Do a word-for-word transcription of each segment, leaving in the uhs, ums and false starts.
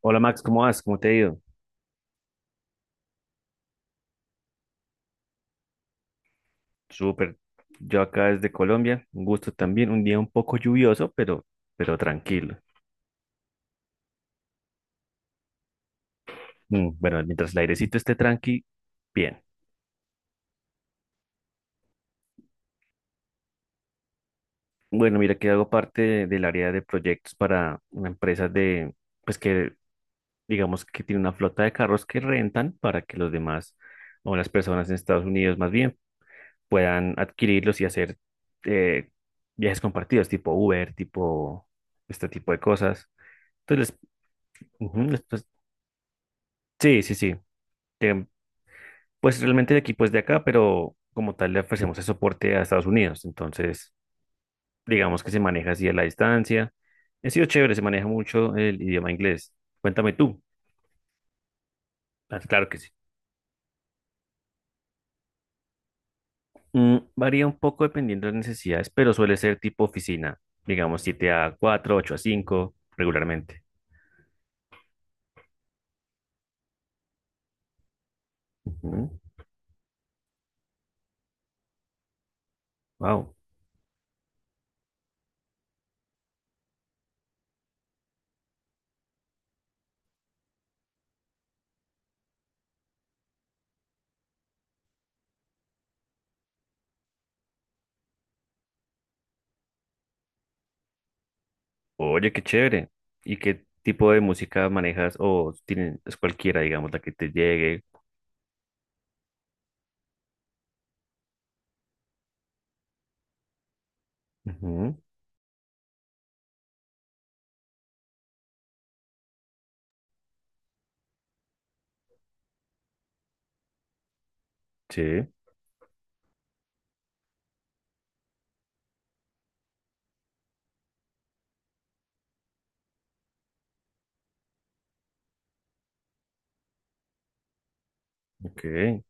Hola Max, ¿cómo vas? ¿Cómo te ha ido? Súper. Yo acá desde Colombia, un gusto también, un día un poco lluvioso, pero, pero tranquilo. Mm, Bueno, mientras el airecito esté tranqui, bien. Bueno, mira que hago parte de- del área de proyectos para una empresa de, pues que digamos que tiene una flota de carros que rentan para que los demás o las personas en Estados Unidos más bien puedan adquirirlos y hacer eh, viajes compartidos, tipo Uber, tipo este tipo de cosas. Entonces, les, ujú, les- pues, sí, sí, sí. Em, pues realmente el equipo es de acá, pero como tal le ofrecemos el soporte a Estados Unidos. Entonces, digamos que se maneja así a la distancia. Ha sido chévere, se maneja mucho el idioma inglés. Cuéntame tú. Ah, claro que sí. Mm, varía un poco dependiendo de las necesidades, pero suele ser tipo oficina. Digamos siete a cuatro, ocho a cinco, regularmente. Wow. Oye, qué chévere. ¿Y qué tipo de música manejas? O tienes, es cualquiera, digamos, la que te llegue. Ujú, sí, ok.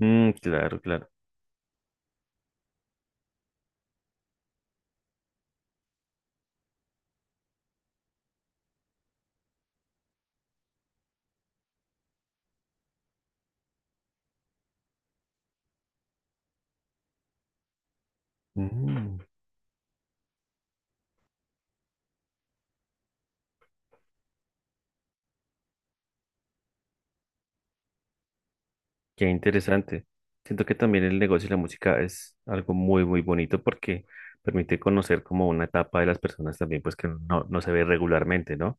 Mm, claro, claro. Mm, qué interesante. Siento que también el negocio y la música es algo muy, muy bonito porque permite conocer como una etapa de las personas también, pues que no, no se ve regularmente, ¿no?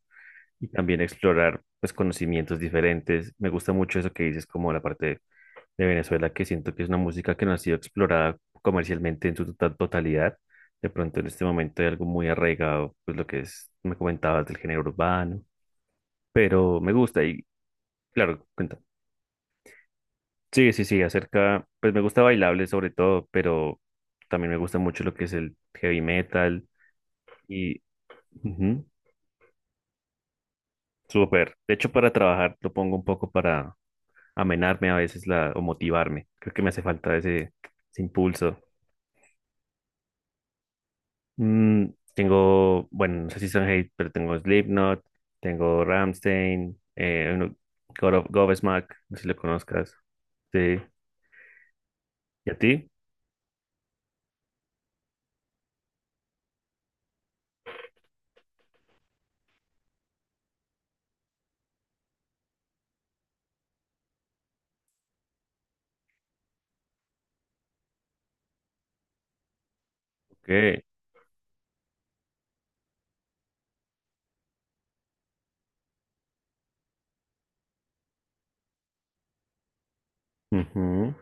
Y también explorar, pues, conocimientos diferentes. Me gusta mucho eso que dices, como la parte de Venezuela, que siento que es una música que no ha sido explorada comercialmente en su tota- totalidad. De pronto en este momento hay algo muy arraigado, pues lo que es, me comentabas del género urbano, pero me gusta y, claro, cuéntame. Sí, sí, sí, acerca, pues me gusta bailable sobre todo, pero también me gusta mucho lo que es el heavy metal y ujú, súper. De hecho, para trabajar lo pongo un poco para amenarme a veces la, o motivarme. Creo que me hace falta ese, ese impulso. Mm, Tengo, bueno, no sé si son hate, pero tengo Slipknot, tengo Rammstein, eh, uno- God of Godsmack, no sé si lo conozcas. Sí. ¿Y a ti? Ok. Ujú,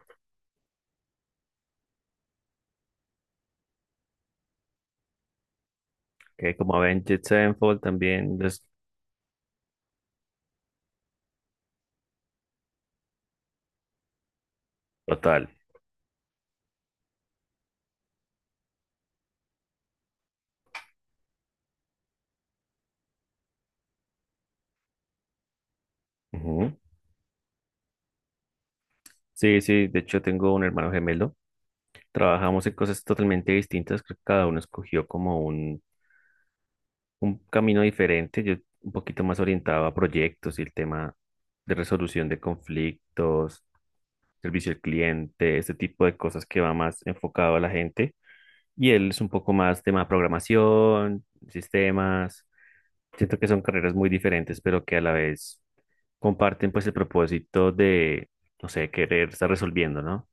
ok, como Avenged Sevenfold también. Los, total. Ujú. Sí, sí, de hecho tengo un hermano gemelo. Trabajamos en cosas totalmente distintas. Creo que cada uno escogió como un, un camino diferente, yo un poquito más orientado a proyectos y el tema de resolución de conflictos, servicio al cliente, este tipo de cosas que va más enfocado a la gente. Y él es un poco más tema de programación, sistemas. Siento que son carreras muy diferentes, pero que a la vez comparten pues el propósito de, no sé, querer estar resolviendo, ¿no?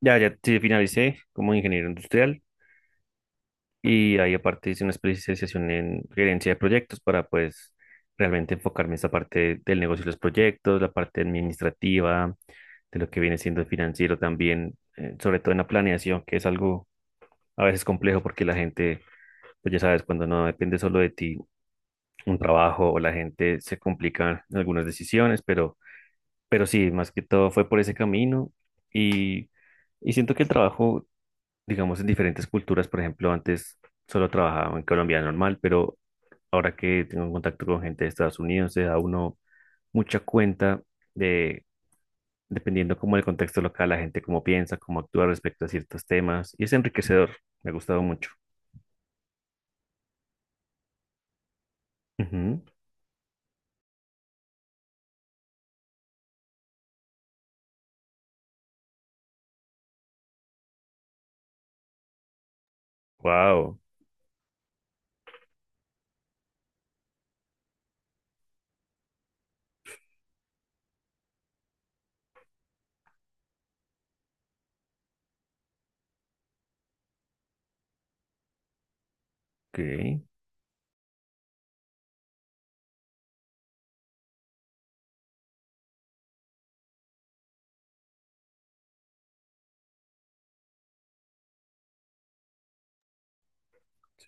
Ya, ya sí, finalicé como ingeniero industrial. Y ahí aparte hice una especialización en gerencia de proyectos para pues realmente enfocarme en esta parte del negocio de los proyectos, la parte administrativa, de lo que viene siendo el financiero también, eh, sobre todo en la planeación, que es algo a veces complejo porque la gente, pues ya sabes, cuando no depende solo de ti un trabajo o la gente se complican algunas decisiones, pero, pero sí, más que todo fue por ese camino y, y siento que el trabajo digamos, en diferentes culturas. Por ejemplo, antes solo trabajaba en Colombia normal, pero ahora que tengo contacto con gente de Estados Unidos, se da uno mucha cuenta de, dependiendo como el contexto local, la gente cómo piensa, cómo actúa respecto a ciertos temas. Y es enriquecedor. Me ha gustado mucho. Wow. Ok.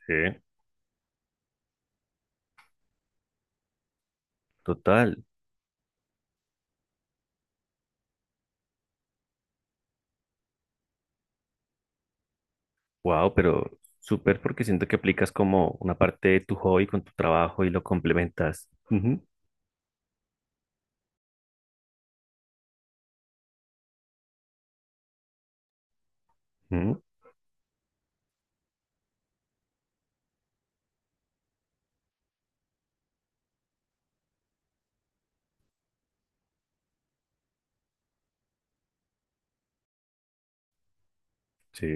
Sí. Total. Wow, pero súper porque siento que aplicas como una parte de tu hobby con tu trabajo y lo complementas. Ujú, ujú, sí.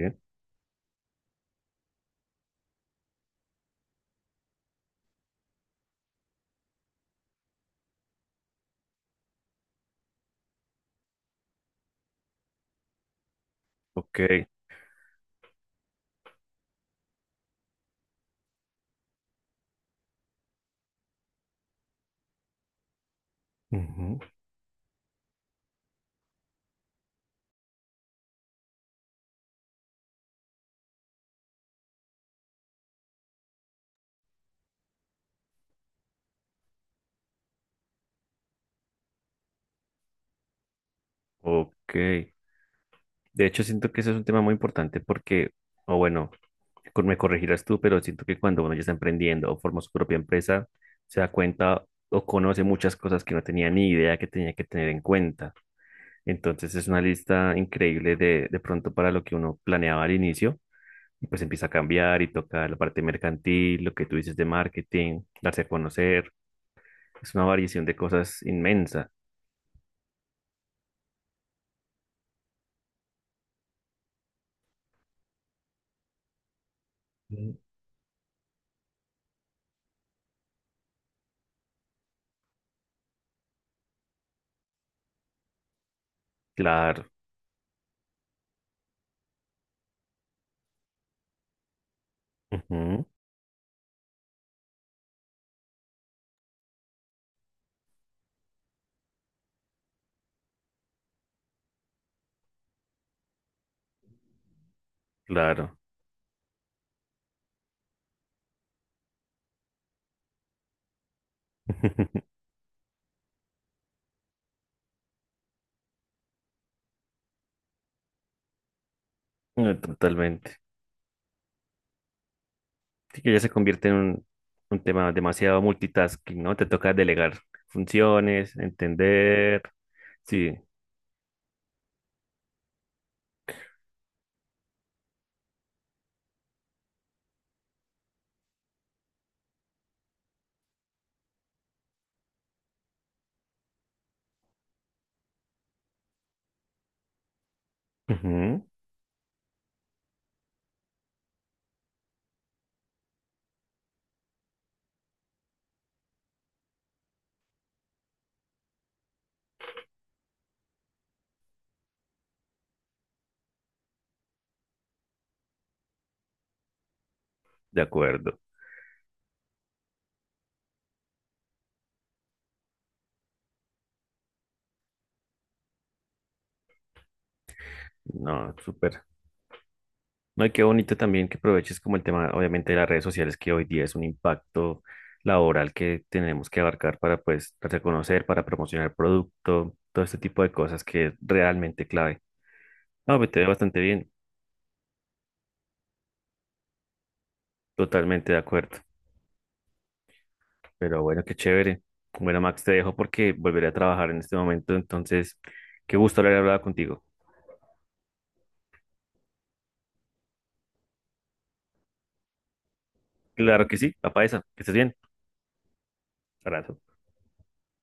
Ok. Ujú. Ok. De hecho, siento que eso es un tema muy importante porque, o bueno, cor- me corregirás tú, pero siento que cuando uno ya está emprendiendo o forma su propia empresa, se da cuenta o conoce muchas cosas que no tenía ni idea que tenía que tener en cuenta. Entonces es una lista increíble de, de pronto para lo que uno planeaba al inicio y pues empieza a cambiar y toca la parte mercantil, lo que tú dices de marketing, darse a conocer. Es una variación de cosas inmensa. Mm. Claro, ujú, claro, no, totalmente. Sí, que ya se convierte en un, un tema demasiado multitasking, ¿no? Te toca delegar funciones, entender. Sí, ujú, de acuerdo. No, súper. No, y qué bonito también que aproveches como el tema, obviamente, de las redes sociales, que hoy día es un impacto laboral que tenemos que abarcar para, pues, reconocer, para promocionar el producto, todo este tipo de cosas que es realmente clave. No, me te ve bastante bien, totalmente de acuerdo. Pero bueno, qué chévere. Bueno, Max, te dejo porque volveré a trabajar en este momento, entonces, qué gusto haber hablado contigo. Claro que sí, papá esa, que estés bien. Abrazo.